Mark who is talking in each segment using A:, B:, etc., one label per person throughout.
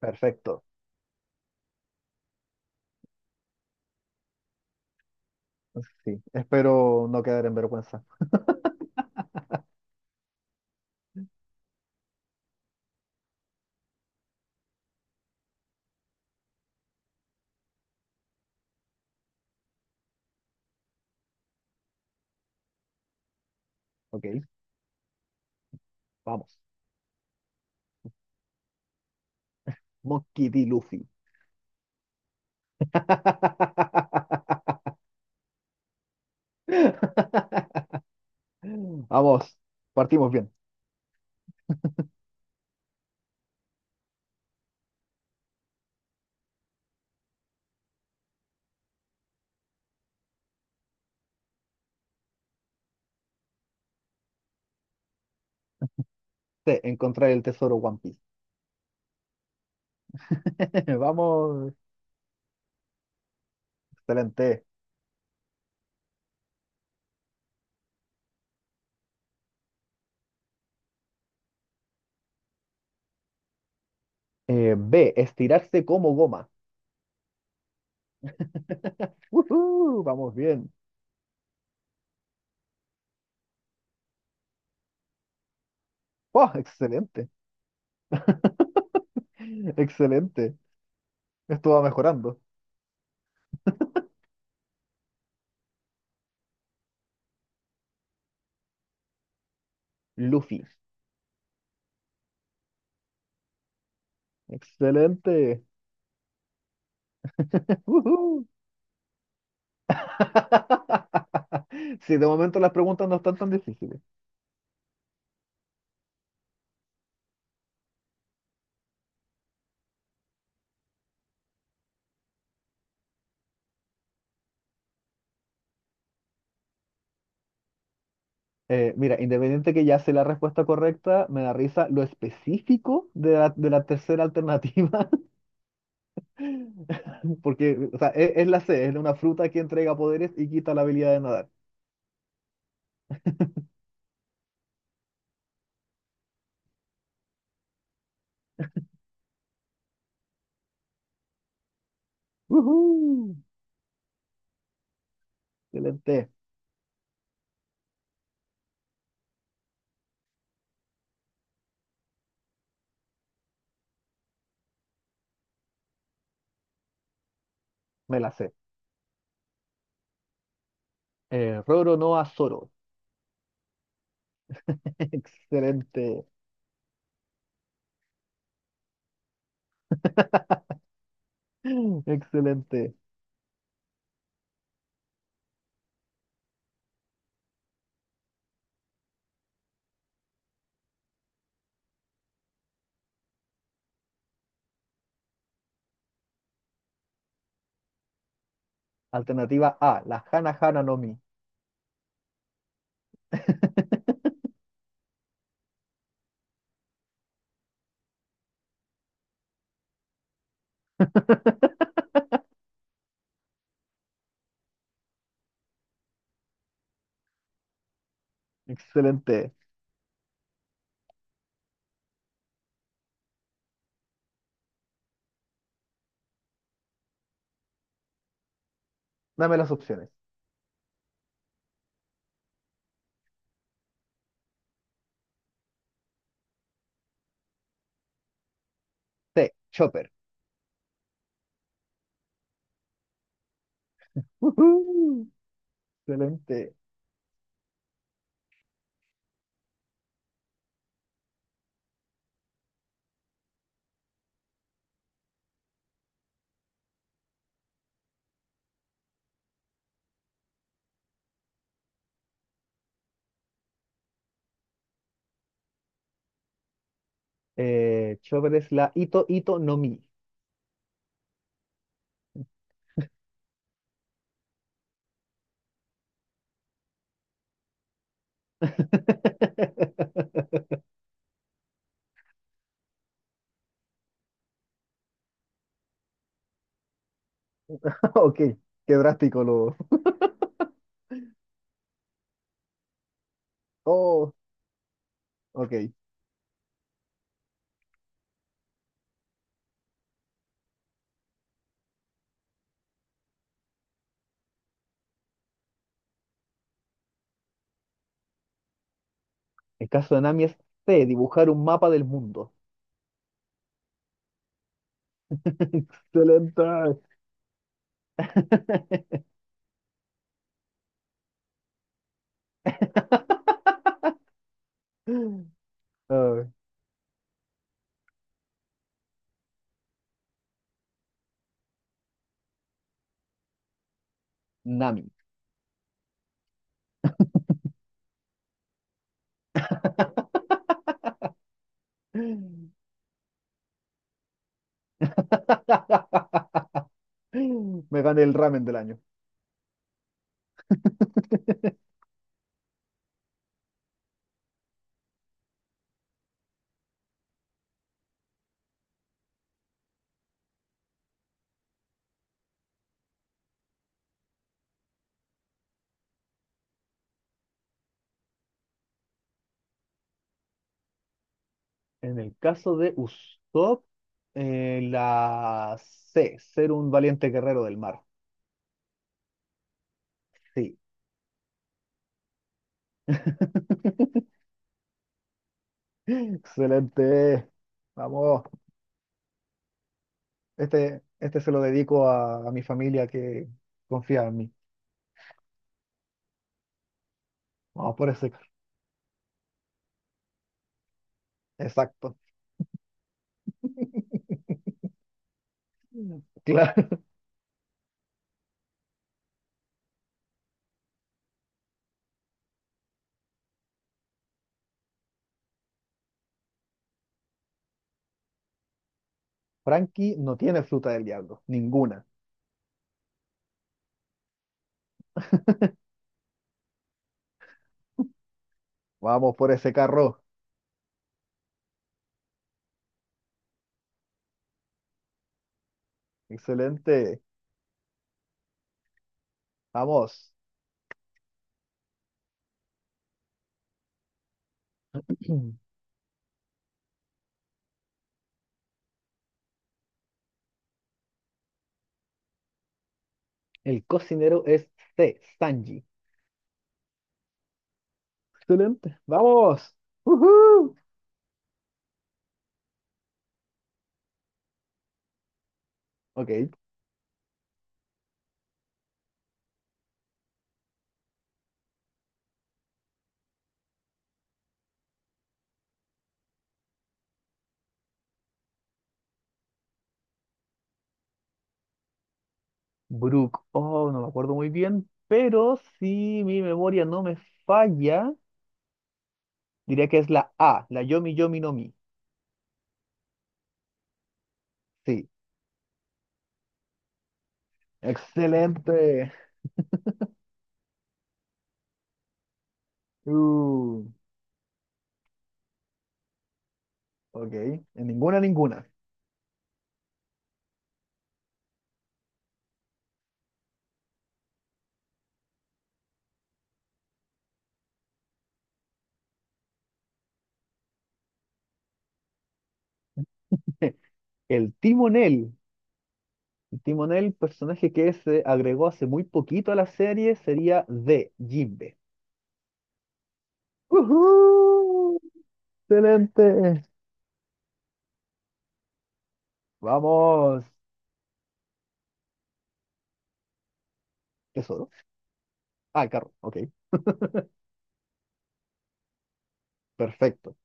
A: Perfecto. Sí, espero no quedar en vergüenza. Ok, vamos. Monkey D. Luffy. Vamos, partimos bien. C, encontrar el tesoro One Piece. Vamos, excelente. B, estirarse como goma. Ujú, vamos bien. Oh, excelente, excelente. Esto va mejorando. Luffy, excelente. Ujú. Sí, de momento las preguntas no están tan difíciles. Mira, independiente que ya sé la respuesta correcta, me da risa lo específico de la tercera alternativa, porque o sea, es la C, es una fruta que entrega poderes y quita la habilidad de nadar. ¡Woohoo! Excelente, me la sé. Roro no a Zoro. Excelente, excelente. Alternativa A, la Hana Hana no Mi. Excelente. Dame las opciones. C, Chopper. Ujú, excelente. Chopper es la Ito Ito no Mi. Ok, qué drástico lo. Oh, ok. El caso de Nami es C, dibujar un mapa del mundo. Excelente. Ah, Nami. Me gané el ramen del año. En el caso de Usopp, la C, ser un valiente guerrero del mar. Sí. Excelente. Vamos, este se lo dedico a, mi familia que confía en mí. Vamos por ese. Exacto. Claro. Frankie no tiene fruta del diablo, ninguna. Vamos por ese carro. Excelente. Vamos. El cocinero es C, Sanji. Excelente. Vamos. ¡Woohoo! Ok. Brooke. Oh, no me acuerdo muy bien, pero si mi memoria no me falla, diría que es la A, la Yomi Yomi no Mi. Sí. Excelente. Uh, ok, en ninguna, ninguna. El timonel, el timonel, personaje que se agregó hace muy poquito a la serie, sería de Jimbe. ¡Uhú! Excelente. Vamos. ¿Qué solo? Ah, el carro. Ok, perfecto.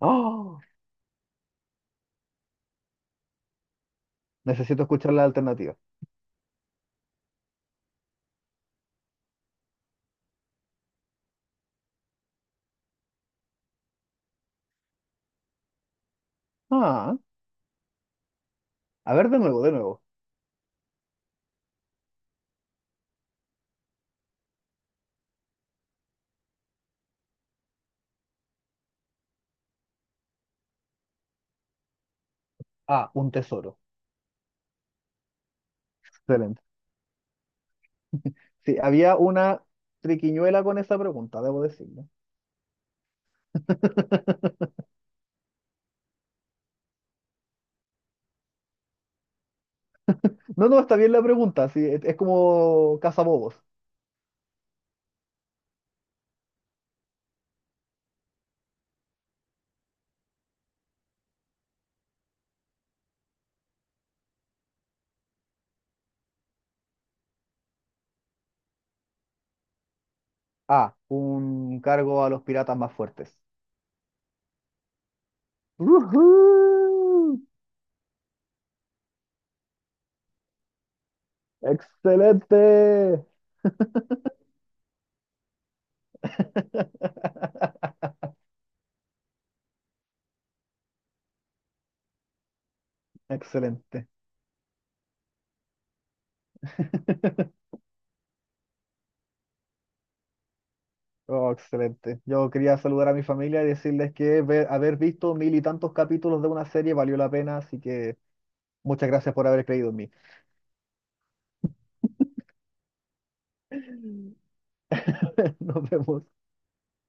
A: ¡Oh! Necesito escuchar la alternativa. Ah, a ver de nuevo, de nuevo. Ah, un tesoro. Excelente. Sí, había una triquiñuela con esa pregunta, debo decirlo. No, no, está bien la pregunta. Sí, es como cazabobos. A. Un cargo a los piratas más fuertes. ¡Woohoo! ¡Excelente! Excelente. Oh, excelente. Yo quería saludar a mi familia y decirles que haber visto mil y tantos capítulos de una serie valió la pena, así que muchas gracias por haber creído en mí. Nos vemos.